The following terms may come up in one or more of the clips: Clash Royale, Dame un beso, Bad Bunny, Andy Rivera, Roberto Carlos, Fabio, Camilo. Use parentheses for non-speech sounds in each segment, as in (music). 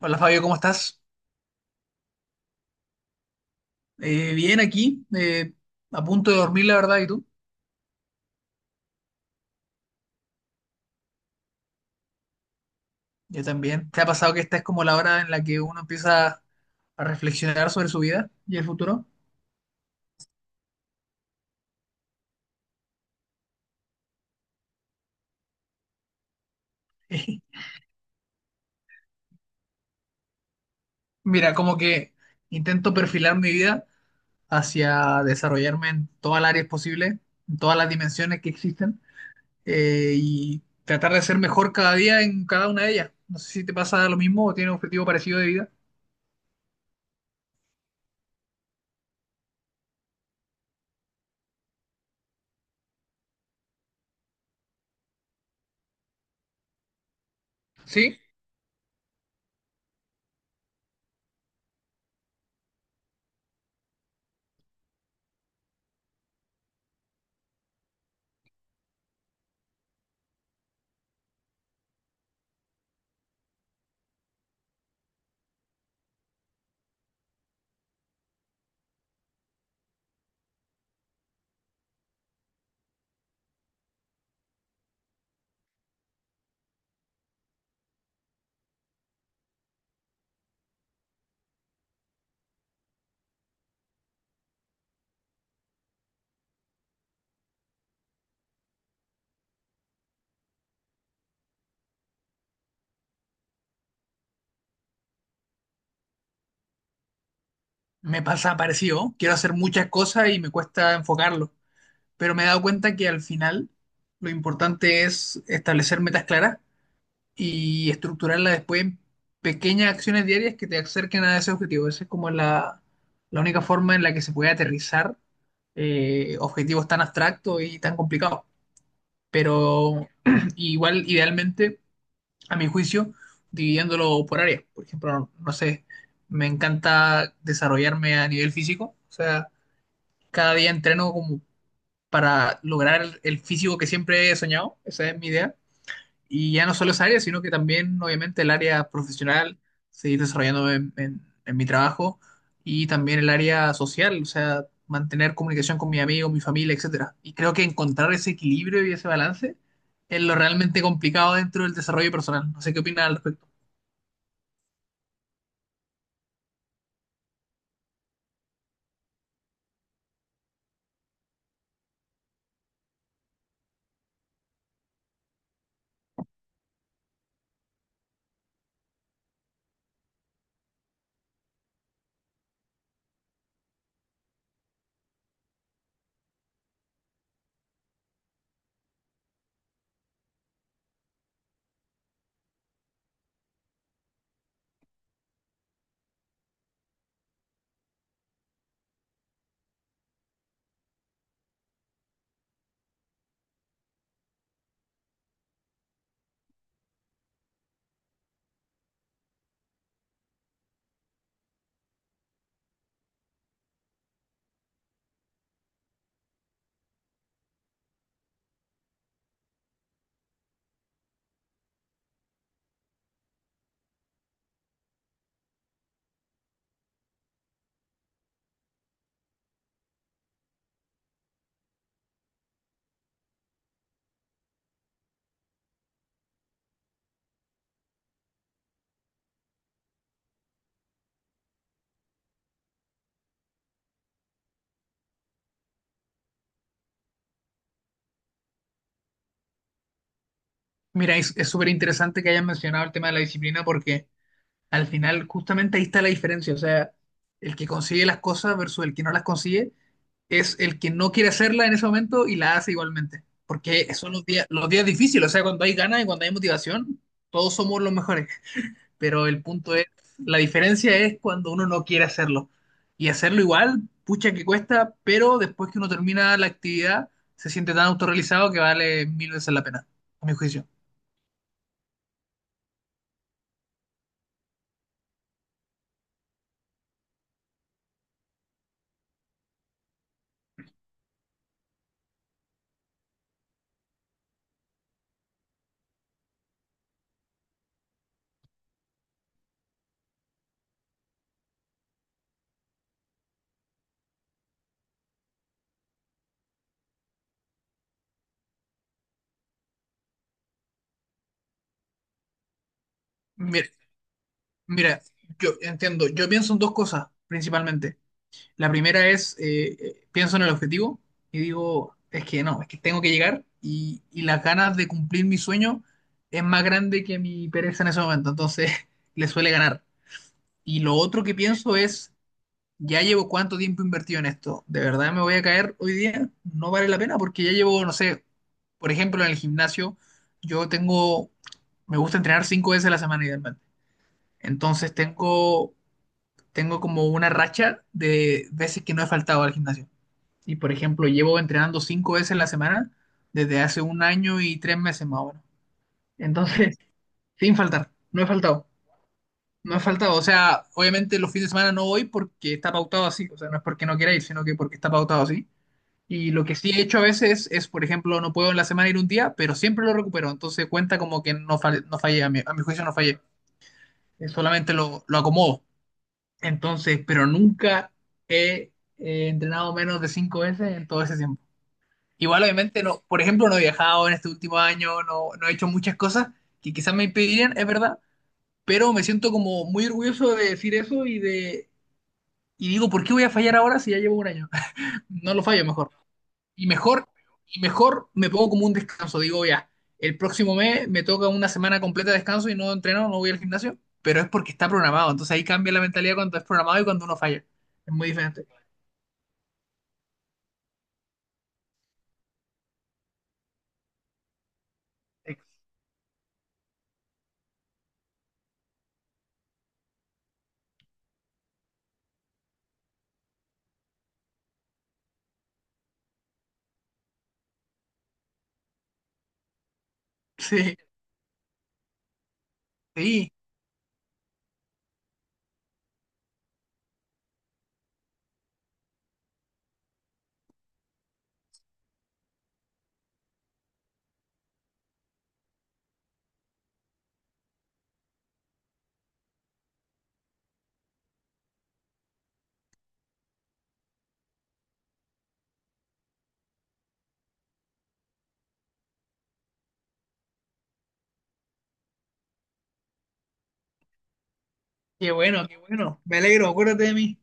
Hola Fabio, ¿cómo estás? Bien aquí, a punto de dormir, la verdad, ¿y tú? Yo también. ¿Te ha pasado que esta es como la hora en la que uno empieza a reflexionar sobre su vida y el futuro? (laughs) Mira, como que intento perfilar mi vida hacia desarrollarme en todas las áreas posibles, en todas las dimensiones que existen, y tratar de ser mejor cada día en cada una de ellas. No sé si te pasa lo mismo o tienes un objetivo parecido de vida. Sí, me pasa parecido. Quiero hacer muchas cosas y me cuesta enfocarlo. Pero me he dado cuenta que al final lo importante es establecer metas claras y estructurarlas después en pequeñas acciones diarias que te acerquen a ese objetivo. Esa es como la única forma en la que se puede aterrizar objetivos tan abstractos y tan complicados. Pero (clears throat) igual, idealmente, a mi juicio, dividiéndolo por áreas. Por ejemplo, no sé, me encanta desarrollarme a nivel físico, o sea, cada día entreno como para lograr el físico que siempre he soñado, esa es mi idea. Y ya no solo esa área, sino que también, obviamente, el área profesional, seguir desarrollándome en mi trabajo y también el área social, o sea, mantener comunicación con mis amigos, mi familia, etcétera. Y creo que encontrar ese equilibrio y ese balance es lo realmente complicado dentro del desarrollo personal. No sé qué opinas al respecto. Mira, es súper interesante que hayas mencionado el tema de la disciplina porque al final, justamente ahí está la diferencia. O sea, el que consigue las cosas versus el que no las consigue es el que no quiere hacerla en ese momento y la hace igualmente. Porque son los días difíciles. O sea, cuando hay ganas y cuando hay motivación, todos somos los mejores. Pero el punto es, la diferencia es cuando uno no quiere hacerlo. Y hacerlo igual, pucha que cuesta, pero después que uno termina la actividad, se siente tan autorrealizado que vale mil veces la pena, a mi juicio. Mira, mira, yo entiendo, yo pienso en dos cosas principalmente. La primera es, pienso en el objetivo y digo, es que no, es que tengo que llegar y las ganas de cumplir mi sueño es más grande que mi pereza en ese momento, entonces (laughs) le suele ganar. Y lo otro que pienso es, ya llevo cuánto tiempo invertido en esto, ¿de verdad me voy a caer hoy día? No vale la pena porque ya llevo, no sé, por ejemplo, en el gimnasio, yo tengo, me gusta entrenar cinco veces a la semana idealmente. Entonces tengo como una racha de veces que no he faltado al gimnasio. Y por ejemplo, llevo entrenando cinco veces a la semana desde hace un año y 3 meses más o menos. Entonces, (laughs) sin faltar, no he faltado, no he faltado. O sea, obviamente los fines de semana no voy porque está pautado así. O sea, no es porque no quiera ir, sino que porque está pautado así. Y lo que sí he hecho a veces es, por ejemplo, no puedo en la semana ir un día, pero siempre lo recupero. Entonces cuenta como que no, no fallé, a mi juicio no fallé. Solamente lo acomodo. Entonces, pero nunca he entrenado menos de cinco veces en todo ese tiempo. Igual, obviamente, no, por ejemplo, no he viajado en este último año, no, no he hecho muchas cosas que quizás me impedirían, es verdad, pero me siento como muy orgulloso de decir eso y de, y digo, ¿por qué voy a fallar ahora si ya llevo un año? (laughs) No lo fallo mejor. Y mejor, y mejor me pongo como un descanso, digo, ya, el próximo mes me toca una semana completa de descanso y no entreno, no voy al gimnasio, pero es porque está programado, entonces ahí cambia la mentalidad cuando es programado y cuando uno falla. Es muy diferente. Sí, sí, qué bueno, qué bueno. Me alegro, acuérdate de mí.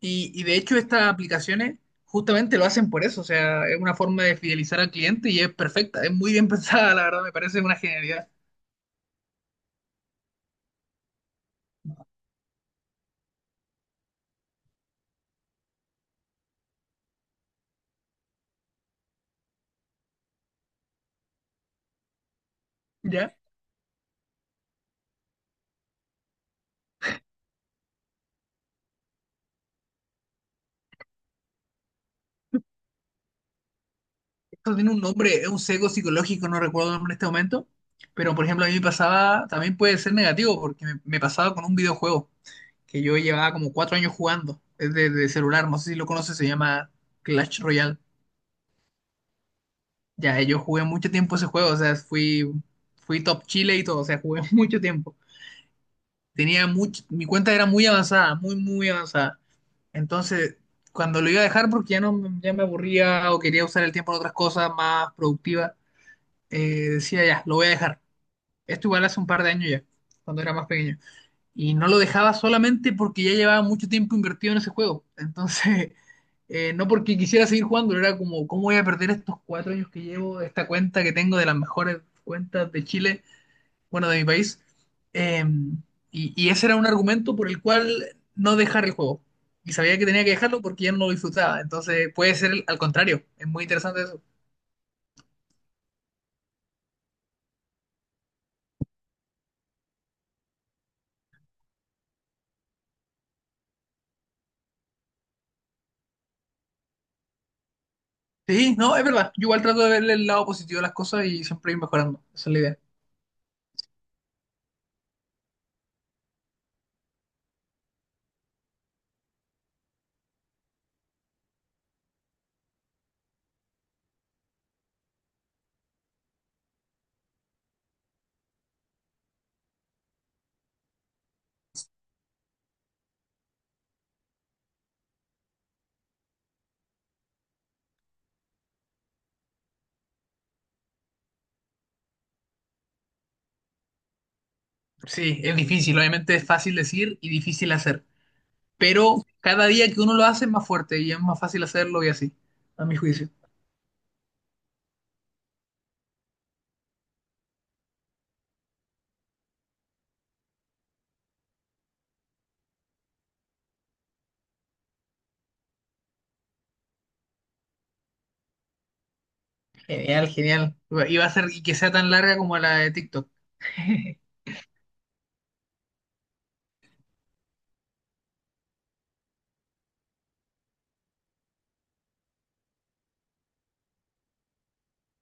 Y de hecho estas aplicaciones justamente lo hacen por eso, o sea, es una forma de fidelizar al cliente y es perfecta, es muy bien (laughs) pensada, la verdad, me parece una genialidad. ¿Ya? Esto tiene un nombre, es un sesgo psicológico, no recuerdo el nombre en este momento, pero por ejemplo a mí me pasaba, también puede ser negativo, porque me pasaba con un videojuego que yo llevaba como 4 años jugando, es de celular, no sé si lo conoces, se llama Clash Royale. Ya, yo jugué mucho tiempo ese juego, o sea, fui top Chile y todo, o sea, jugué (laughs) mucho tiempo. Tenía mucho, mi cuenta era muy avanzada, muy, muy avanzada. Entonces, cuando lo iba a dejar porque ya no me- ya me aburría o quería usar el tiempo en otras cosas más productivas, decía ya, lo voy a dejar. Esto igual hace un par de años ya, cuando era más pequeño. Y no lo dejaba solamente porque ya llevaba mucho tiempo invertido en ese juego. Entonces, (laughs) no porque quisiera seguir jugando, era como, ¿cómo voy a perder estos 4 años que llevo, esta cuenta que tengo de las mejores cuentas de Chile? Bueno, de mi país. Eh, y ese era un argumento por el cual no dejar el juego. Y sabía que tenía que dejarlo porque ya no lo disfrutaba. Entonces puede ser al contrario. Es muy interesante eso. Sí, no, es verdad. Yo igual trato de verle el lado positivo a las cosas y siempre ir mejorando. Esa es la idea. Sí, es difícil. Obviamente es fácil decir y difícil hacer. Pero cada día que uno lo hace es más fuerte y es más fácil hacerlo y así, a mi juicio. Genial, genial. Y va a ser y que sea tan larga como la de TikTok. (laughs)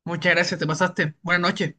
Muchas gracias, te pasaste. Buenas noches.